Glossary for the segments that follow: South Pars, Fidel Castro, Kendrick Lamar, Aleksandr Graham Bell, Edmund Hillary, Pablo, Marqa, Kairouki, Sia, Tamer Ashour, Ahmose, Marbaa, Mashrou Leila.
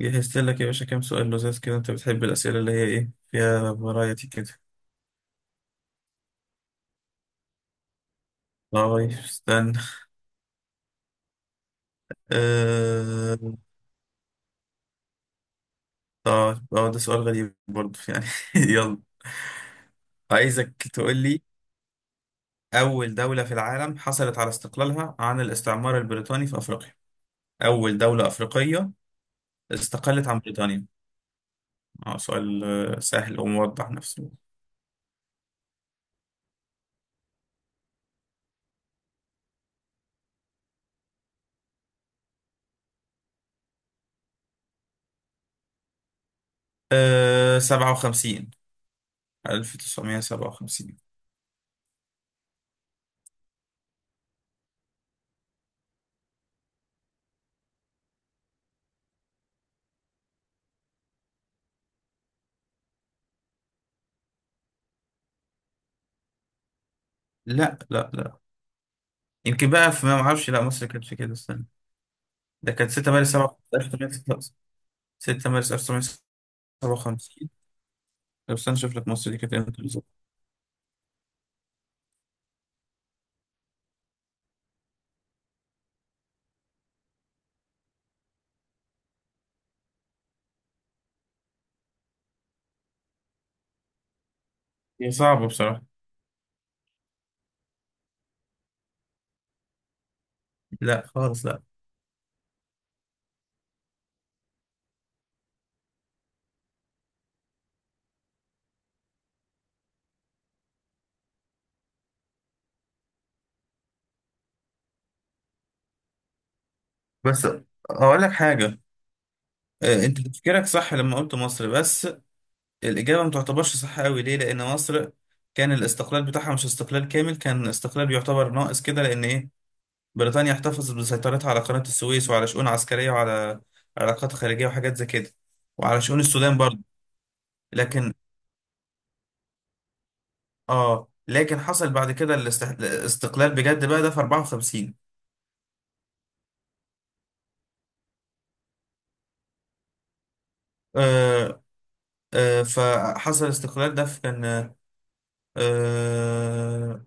جهزت لك يا باشا كام سؤال لذيذ كده، انت بتحب الأسئلة اللي هي ايه فيها فرايتي كده. طيب استنى. آه... طيب ده سؤال غريب برضه يعني. يلا، عايزك تقول لي أول دولة في العالم حصلت على استقلالها عن الاستعمار البريطاني في أفريقيا. أول دولة أفريقية استقلت عن بريطانيا. اه سؤال سهل وموضح نفسه. 57، 1957. لا لا لا، يمكن بقى في، ما معرفش، لا مصر كانت في كده. استنى، ده كانت 6 مارس 1957. 6 مارس 1957. لو استنى اشوف لك مصر دي كانت امتى بالظبط. هي صعبة بصراحة. لا خالص لا. بس هقول لك حاجة. انت تفكيرك صح لما قلت مصر، بس الإجابة ما تعتبرش صح قوي. ليه؟ لأن مصر كان الاستقلال بتاعها مش استقلال كامل، كان استقلال يعتبر ناقص كده، لأن إيه، بريطانيا احتفظت بسيطرتها على قناة السويس وعلى شؤون عسكرية وعلى علاقات خارجية وحاجات زي كده، وعلى شؤون السودان برضه. لكن حصل بعد كده الاستقلال بجد بقى ده في 54. آه فحصل الاستقلال ده في كان، اه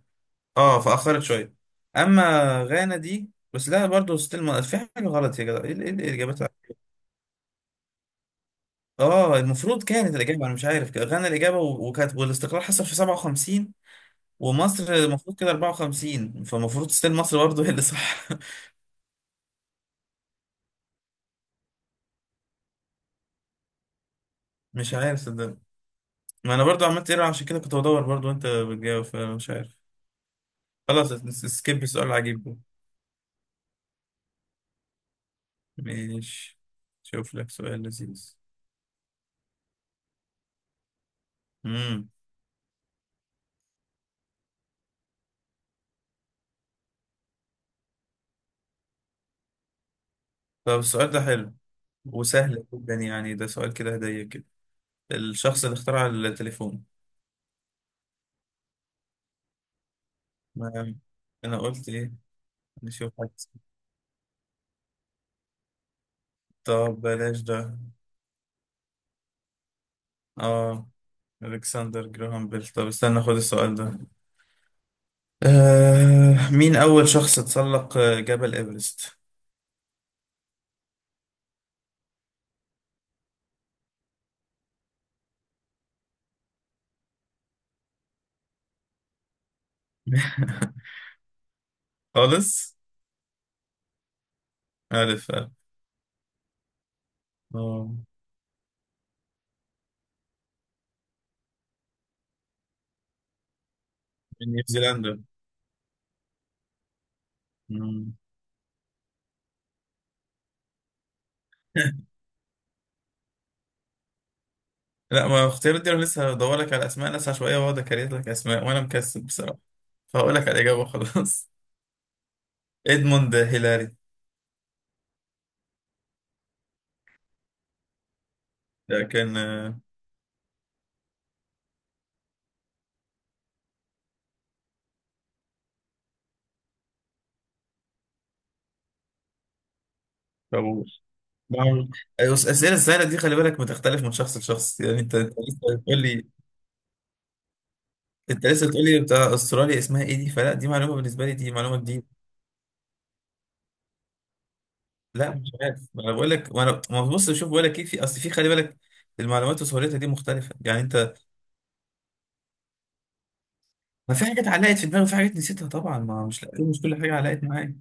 اه فأخرت شوية، اما غانا دي. بس لا، برضه ستيل في حاجة غلط يا جدع، ايه إيه الاجابات. اه المفروض كانت الاجابة، انا مش عارف كده. غانا الاجابة، و- وكانت، والاستقلال حصل في 57 ومصر المفروض كده 54، فالمفروض ستيل مصر برضه هي اللي صح. مش عارف صدق، ما انا برضه عملت ايرور عشان كده، كنت بدور برضه وانت بتجاوب، فمش عارف. خلاص سكيب السؤال العجيب ده. ماشي، شوف لك سؤال لذيذ. امم طب السؤال ده حلو وسهل جدا يعني، ده سؤال كده هدية كده. الشخص اللي اخترع التليفون. ما انا قلت ايه. نشوف حاجة. طب بلاش ده. اه الكسندر جراهام بيل. طب استنى، خد السؤال ده. مين اول شخص تسلق جبل ايفرست؟ خالص. ألف. ألف. اه من نيوزيلندا. مم. لا، ما اختيارات دي، انا لسه هدور لك على اسماء ناس عشوائيه واقعد اكريت لك اسماء، وانا مكسل بصراحه، فهقول لك على الاجابه خلاص. ادموند هيلاري. ده كان طابور. بعمل- الاسئله السهله دي خلي بالك بتختلف من شخص لشخص يعني. انت لسه بتقول لي، انت لسه بتقول لي بتاع استراليا اسمها ايه، دي فلا دي معلومه بالنسبه لي، دي معلومه جديده. لا مش عارف، ما انا بقول لك، ما انا، ما بص شوف، بقول لك ايه، في اصل في، خلي بالك المعلومات وسهولتها دي مختلفه يعني انت. ما في حاجات علقت في دماغي وفي حاجات نسيتها طبعا، ما مش كل حاجه علقت معايا.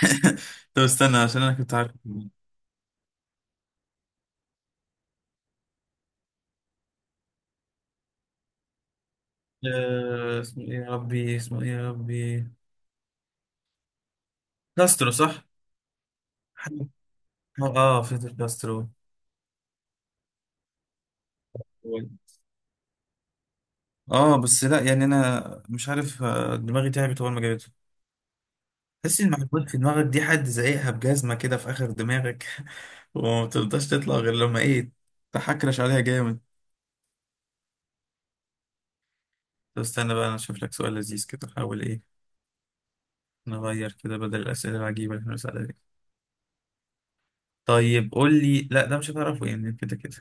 طب استنى عشان انا كنت عارف. اسمه ايه يا ربي، اسمه ايه يا ربي؟ كاسترو، صح؟ حاجة- اه فيدل كاسترو. اه بس لا يعني انا مش عارف، دماغي تعبت اول ما جابته. تحس ان المعلومات في دماغك دي حد زايقها بجزمه كده في اخر دماغك، وما بترضاش تطلع غير لما ايه، تحكرش عليها جامد. طب استنى بقى انا اشوف لك سؤال لذيذ كده، حاول ايه، نغير كده بدل الاسئله العجيبه اللي احنا بنسألها دي. طيب قول لي، لا ده مش هتعرفه يعني كده كده.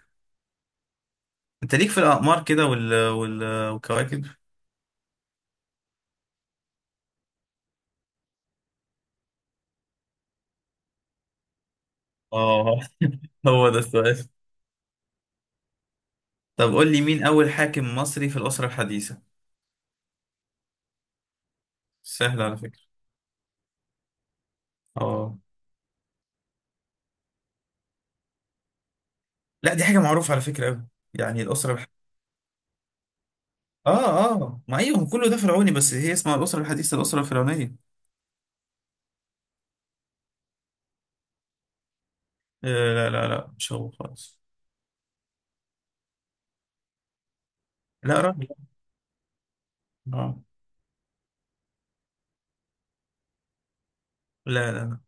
انت ليك في الاقمار كده والكواكب. اه هو ده السؤال. طب قول لي مين اول حاكم مصري في الاسره الحديثه؟ سهل على فكره. اه لا دي حاجه معروفه على فكره قوي يعني. اه اه ما ايوه، كله ده فرعوني، بس هي اسمها الاسره الحديثه، الاسره الفرعونيه. لا لا لا، مش هو خالص. لا راجل. اه لا لا لا.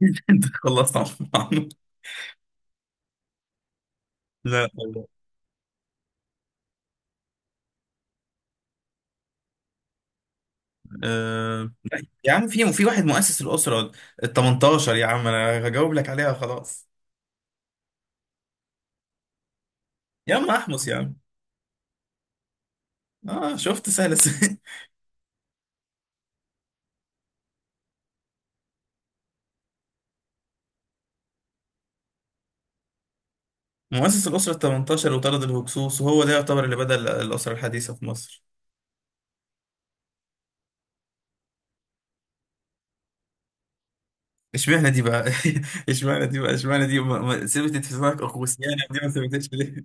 انت خلصت عنه. لا والله. آه. يا عم في واحد مؤسس الاسره ال 18 يا عم، انا هجاوب لك عليها خلاص. يا عم احمس يا عم. اه شفت سهل. مؤسس الأسرة ال 18، وطرد الهكسوس، وهو ده يعتبر اللي بدأ الأسرة الحديثة في مصر. اشمعنى دي بقى؟ اشمعنى دي بقى، اشمعنى دي ثبتت في سنة أغسطسيانة، دي ما ثبتتش ليه.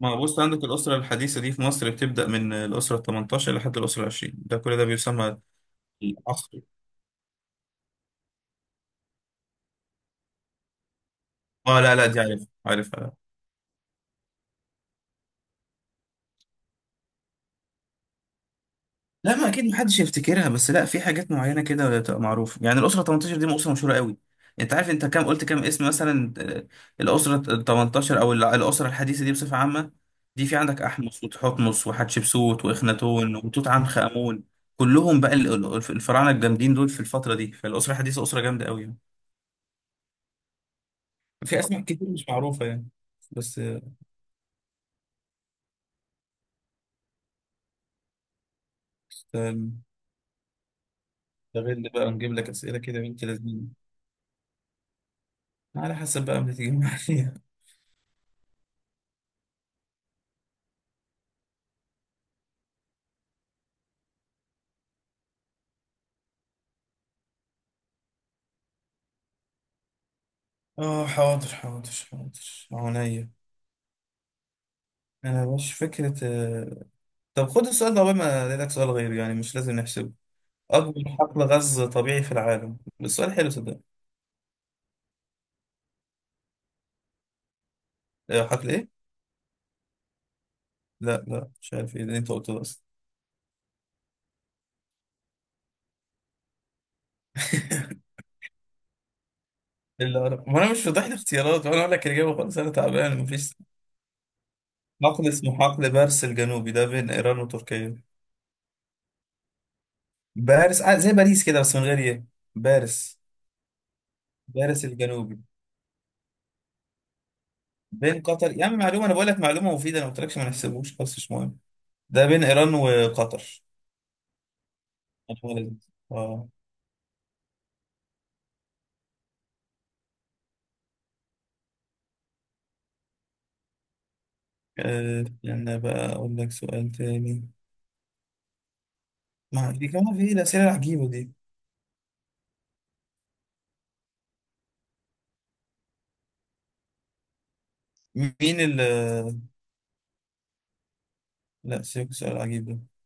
ما هو بص، عندك الأسرة الحديثة دي في مصر بتبدأ من الأسرة ال 18 لحد الأسرة ال 20، ده كل ده بيسمى العصر. اه لا لا، دي عارف، عارف. لا ما اكيد محدش يفتكرها، بس لا في حاجات معينه كده بتبقى معروفه يعني، الاسره 18 دي اسره مشهوره قوي. انت عارف انت كام، قلت كام اسم مثلا؟ الاسره ال 18 او الاسره الحديثه دي بصفه عامه، دي في عندك احمس وتحتمس وحتشبسوت واخناتون وتوت عنخ امون. كلهم بقى الفراعنه الجامدين دول في الفتره دي. فالاسره الحديثه اسره جامده قوي يعني. في اسماء كتير مش معروفه يعني، بس استنى، نستغل بقى، نجيب لك اسئله كده بنت لذينه، على حسب بقى ما تيجي معايا. اه حاضر حاضر حاضر عينيا. انا مش فكرة، طب خد السؤال ده قبل ما الاقي لك سؤال غير، يعني مش لازم نحسبه. اكبر حقل غاز طبيعي في العالم، السؤال حلو صدق. حقل ايه؟ لا لا، مش عارف ايه اللي انت قلته ده اصلا. ما انا مش واضح لي اختيارات، وانا اقول لك الاجابه خالص، انا تعبان مفيش. حقل اسمه حقل بارس الجنوبي، ده بين ايران وتركيا. بارس، زي باريس كده بس من غير ايه. بارس، بارس الجنوبي بين قطر يا عم. معلومه، انا بقول لك معلومه مفيده، انا ما قلتلكش ما نحسبوش، خالص مش مهم. ده بين إيران وقطر. الوالد. اه استنى بقى أقول لك سؤال تاني، ما دي كمان في، إيه الأسئلة العجيبة دي. مين ال لا، سيبك سؤال عجيب ده.